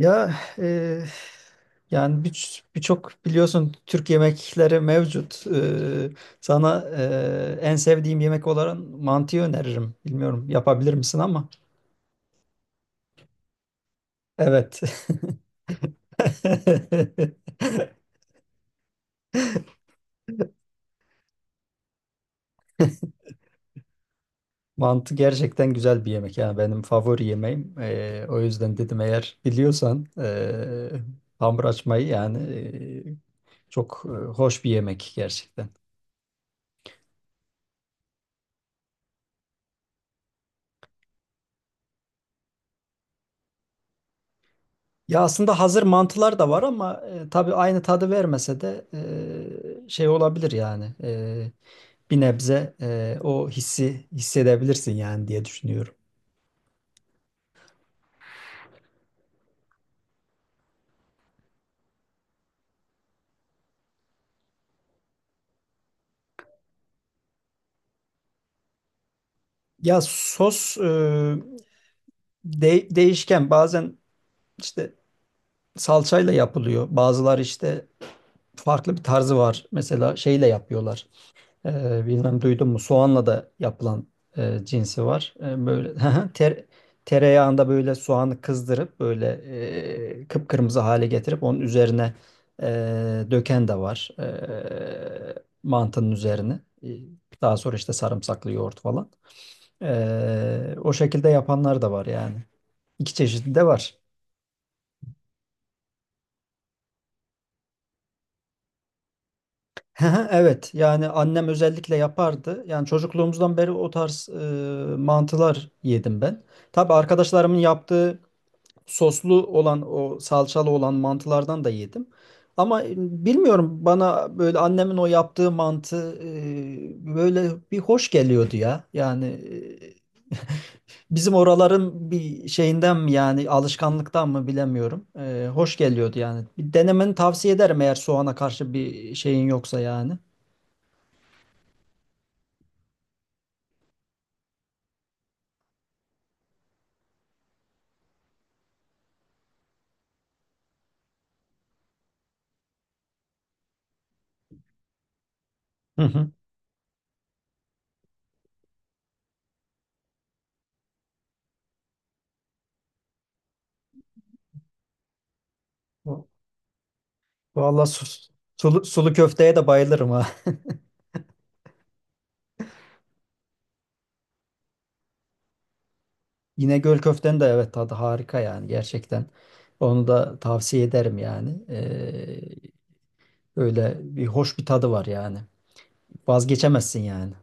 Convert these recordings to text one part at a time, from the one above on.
Ya, e, yani birçok biliyorsun Türk yemekleri mevcut. Sana en sevdiğim yemek olarak mantıyı öneririm. Bilmiyorum, yapabilir misin ama. Evet. Mantı gerçekten güzel bir yemek. Yani benim favori yemeğim. O yüzden dedim, eğer biliyorsan hamur açmayı yani çok hoş bir yemek gerçekten. Ya, aslında hazır mantılar da var ama tabii aynı tadı vermese de şey olabilir yani. Bir nebze o hissi hissedebilirsin yani diye düşünüyorum. Ya, sos değişken bazen, işte salçayla yapılıyor. Bazıları işte farklı bir tarzı var. Mesela şeyle yapıyorlar. Bilmem duydun mu? Soğanla da yapılan cinsi var. Böyle ter, tereyağında böyle soğanı kızdırıp böyle kıpkırmızı hale getirip onun üzerine döken de var. Mantının üzerine. Daha sonra işte sarımsaklı yoğurt falan. O şekilde yapanlar da var yani. İki çeşidi de var. Evet, yani annem özellikle yapardı. Yani çocukluğumuzdan beri o tarz mantılar yedim ben. Tabii arkadaşlarımın yaptığı soslu olan, o salçalı olan mantılardan da yedim. Ama bilmiyorum, bana böyle annemin o yaptığı mantı böyle bir hoş geliyordu ya. Yani bizim oraların bir şeyinden mi yani alışkanlıktan mı bilemiyorum. Hoş geliyordu yani. Bir denemeni tavsiye ederim, eğer soğana karşı bir şeyin yoksa yani. Hı hı. Valla sulu, sulu köfteye de bayılırım, ha. İnegöl köftenin de evet tadı harika yani gerçekten. Onu da tavsiye ederim yani. Öyle bir hoş bir tadı var yani. Vazgeçemezsin yani.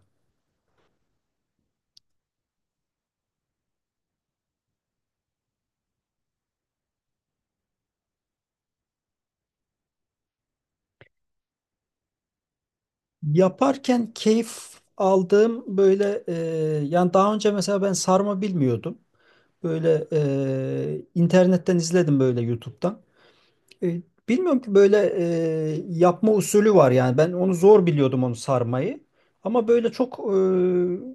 Yaparken keyif aldığım böyle yani daha önce mesela ben sarma bilmiyordum. Böyle internetten izledim böyle YouTube'dan. E, Bilmiyorum ki böyle yapma usulü var yani. Ben onu zor biliyordum, onu sarmayı. Ama böyle çok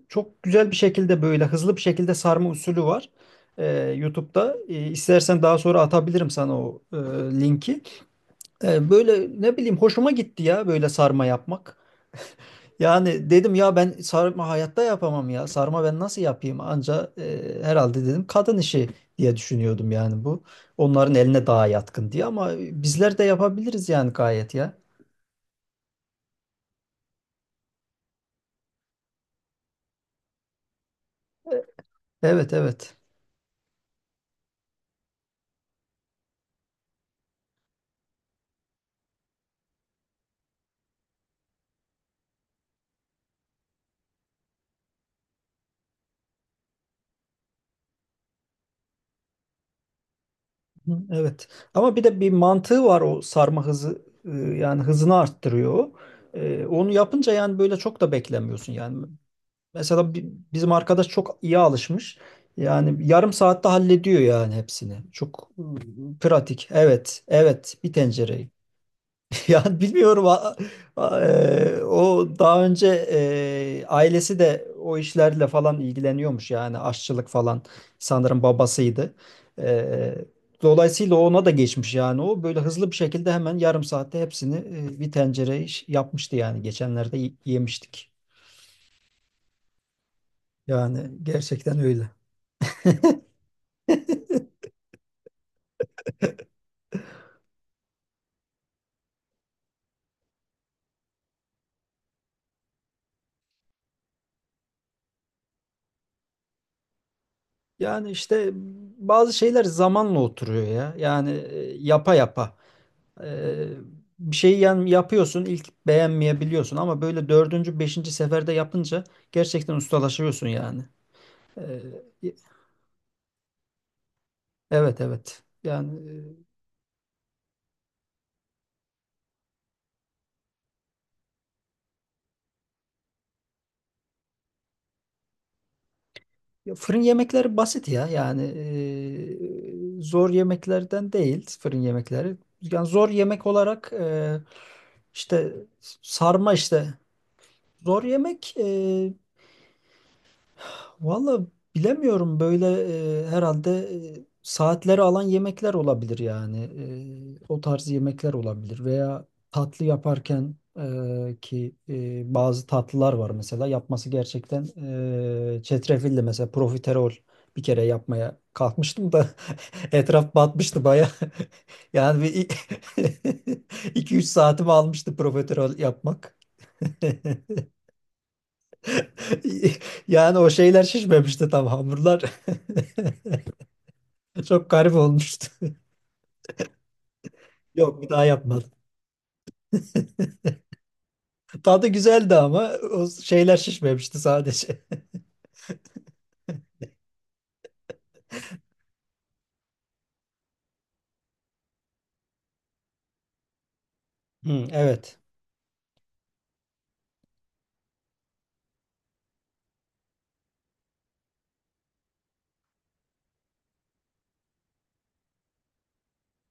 çok güzel bir şekilde, böyle hızlı bir şekilde sarma usulü var. E, YouTube'da. İstersen daha sonra atabilirim sana o linki. Böyle ne bileyim hoşuma gitti ya böyle sarma yapmak. Yani dedim ya, ben sarma hayatta yapamam ya. Sarma ben nasıl yapayım? Anca herhalde dedim kadın işi diye düşünüyordum yani bu. Onların eline daha yatkın diye, ama bizler de yapabiliriz yani gayet ya. Evet, evet. Hı, evet. Ama bir de bir mantığı var, o sarma hızı yani hızını arttırıyor, o. Onu yapınca yani böyle çok da beklemiyorsun yani. Mesela bizim arkadaş çok iyi alışmış. Yani yarım saatte hallediyor yani hepsini. Çok pratik. Evet, evet, bir tencereyi. Yani bilmiyorum, o daha önce ailesi de o işlerle falan ilgileniyormuş yani, aşçılık falan sanırım babasıydı. E, Dolayısıyla ona da geçmiş yani, o böyle hızlı bir şekilde hemen yarım saatte hepsini bir tencere iş yapmıştı yani, geçenlerde yemiştik. Yani gerçekten öyle. Yani işte bazı şeyler zamanla oturuyor ya. Yani yapa yapa. E, Bir şeyi yani yapıyorsun, ilk beğenmeyebiliyorsun ama böyle dördüncü, beşinci seferde yapınca gerçekten ustalaşıyorsun yani. E, evet, evet. Yani ya fırın yemekleri basit ya. Yani zor yemeklerden değil fırın yemekleri. Yani zor yemek olarak işte sarma işte. Zor yemek valla bilemiyorum böyle, herhalde saatleri alan yemekler olabilir yani. O tarz yemekler olabilir, veya tatlı yaparken ki bazı tatlılar var mesela, yapması gerçekten çetrefilli, mesela profiterol bir kere yapmaya kalkmıştım da etraf batmıştı baya, yani bir 2-3 saatimi almıştı profiterol yapmak. Yani o şeyler şişmemişti tam, hamurlar. Çok garip olmuştu. Yok, bir daha yapmadım. Tadı güzeldi ama o şeyler şişmemişti sadece. Hı, evet.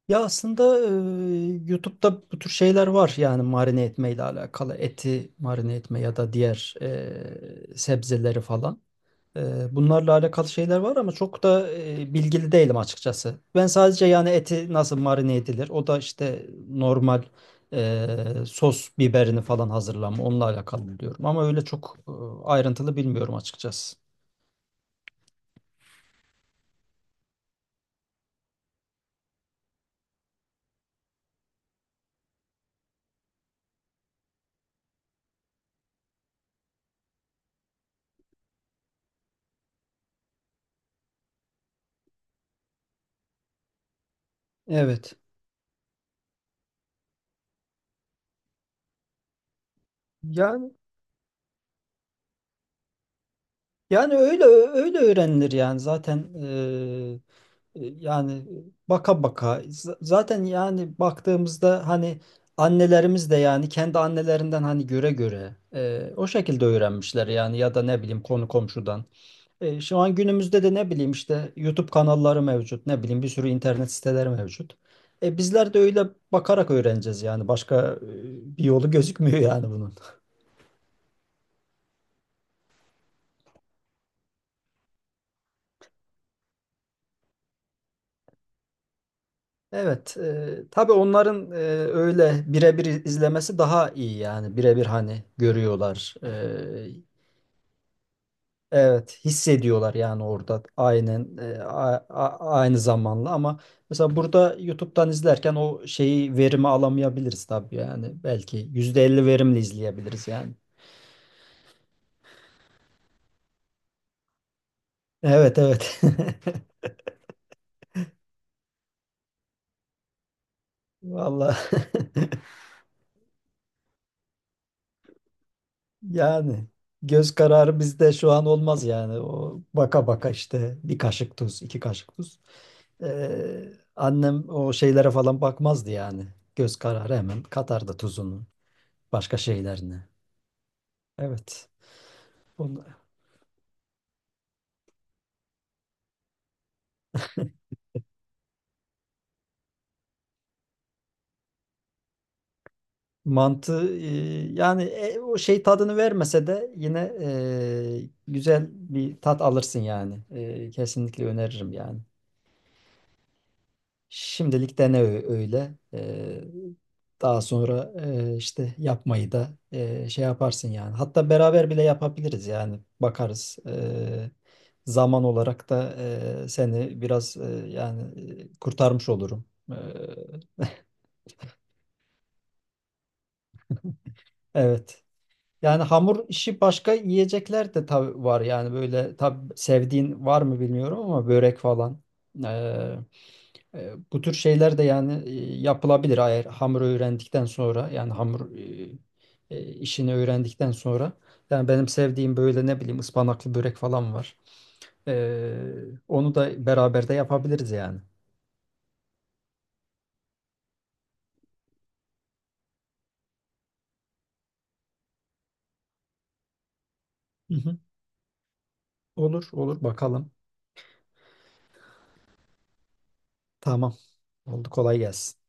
Ya, aslında YouTube'da bu tür şeyler var yani, marine etmeyle alakalı. Eti marine etme, ya da diğer sebzeleri falan. Bunlarla alakalı şeyler var ama çok da bilgili değilim açıkçası. Ben sadece yani eti nasıl marine edilir, o da işte normal sos biberini falan hazırlama, onunla alakalı biliyorum. Ama öyle çok ayrıntılı bilmiyorum açıkçası. Evet. Yani Yani öyle öyle öğrenilir yani, zaten yani baka baka zaten, yani baktığımızda hani annelerimiz de yani kendi annelerinden hani göre göre o şekilde öğrenmişler yani, ya da ne bileyim konu komşudan. Şu an günümüzde de ne bileyim işte YouTube kanalları mevcut, ne bileyim bir sürü internet siteleri mevcut. Bizler de öyle bakarak öğreneceğiz yani, başka bir yolu gözükmüyor yani bunun. Evet, tabii onların öyle birebir izlemesi daha iyi yani, birebir hani görüyorlar. Evet, hissediyorlar yani orada aynen, aynı zamanla, ama mesela burada YouTube'dan izlerken o şeyi verimi alamayabiliriz tabii yani, belki %50 verimli izleyebiliriz yani. Evet, evet. Vallahi yani göz kararı bizde şu an olmaz yani. O baka baka işte, bir kaşık tuz, iki kaşık tuz. Annem o şeylere falan bakmazdı yani. Göz kararı hemen katardı tuzunu, başka şeylerini. Evet. Bunu, mantı yani o şey tadını vermese de yine güzel bir tat alırsın yani. Kesinlikle öneririm yani. Şimdilik dene öyle. Daha sonra işte yapmayı da şey yaparsın yani. Hatta beraber bile yapabiliriz yani. Bakarız. Zaman olarak da seni biraz yani kurtarmış olurum. Ee, evet. Yani hamur işi başka yiyecekler de tabii var. Yani böyle, tabii sevdiğin var mı bilmiyorum ama, börek falan. Ee, Bu tür şeyler de yani yapılabilir, eğer hamur öğrendikten sonra yani hamur işini öğrendikten sonra, yani benim sevdiğim böyle ne bileyim ıspanaklı börek falan var. Onu da beraber de yapabiliriz yani. Hı hı. Olur, olur bakalım. Tamam. Oldu, kolay gelsin.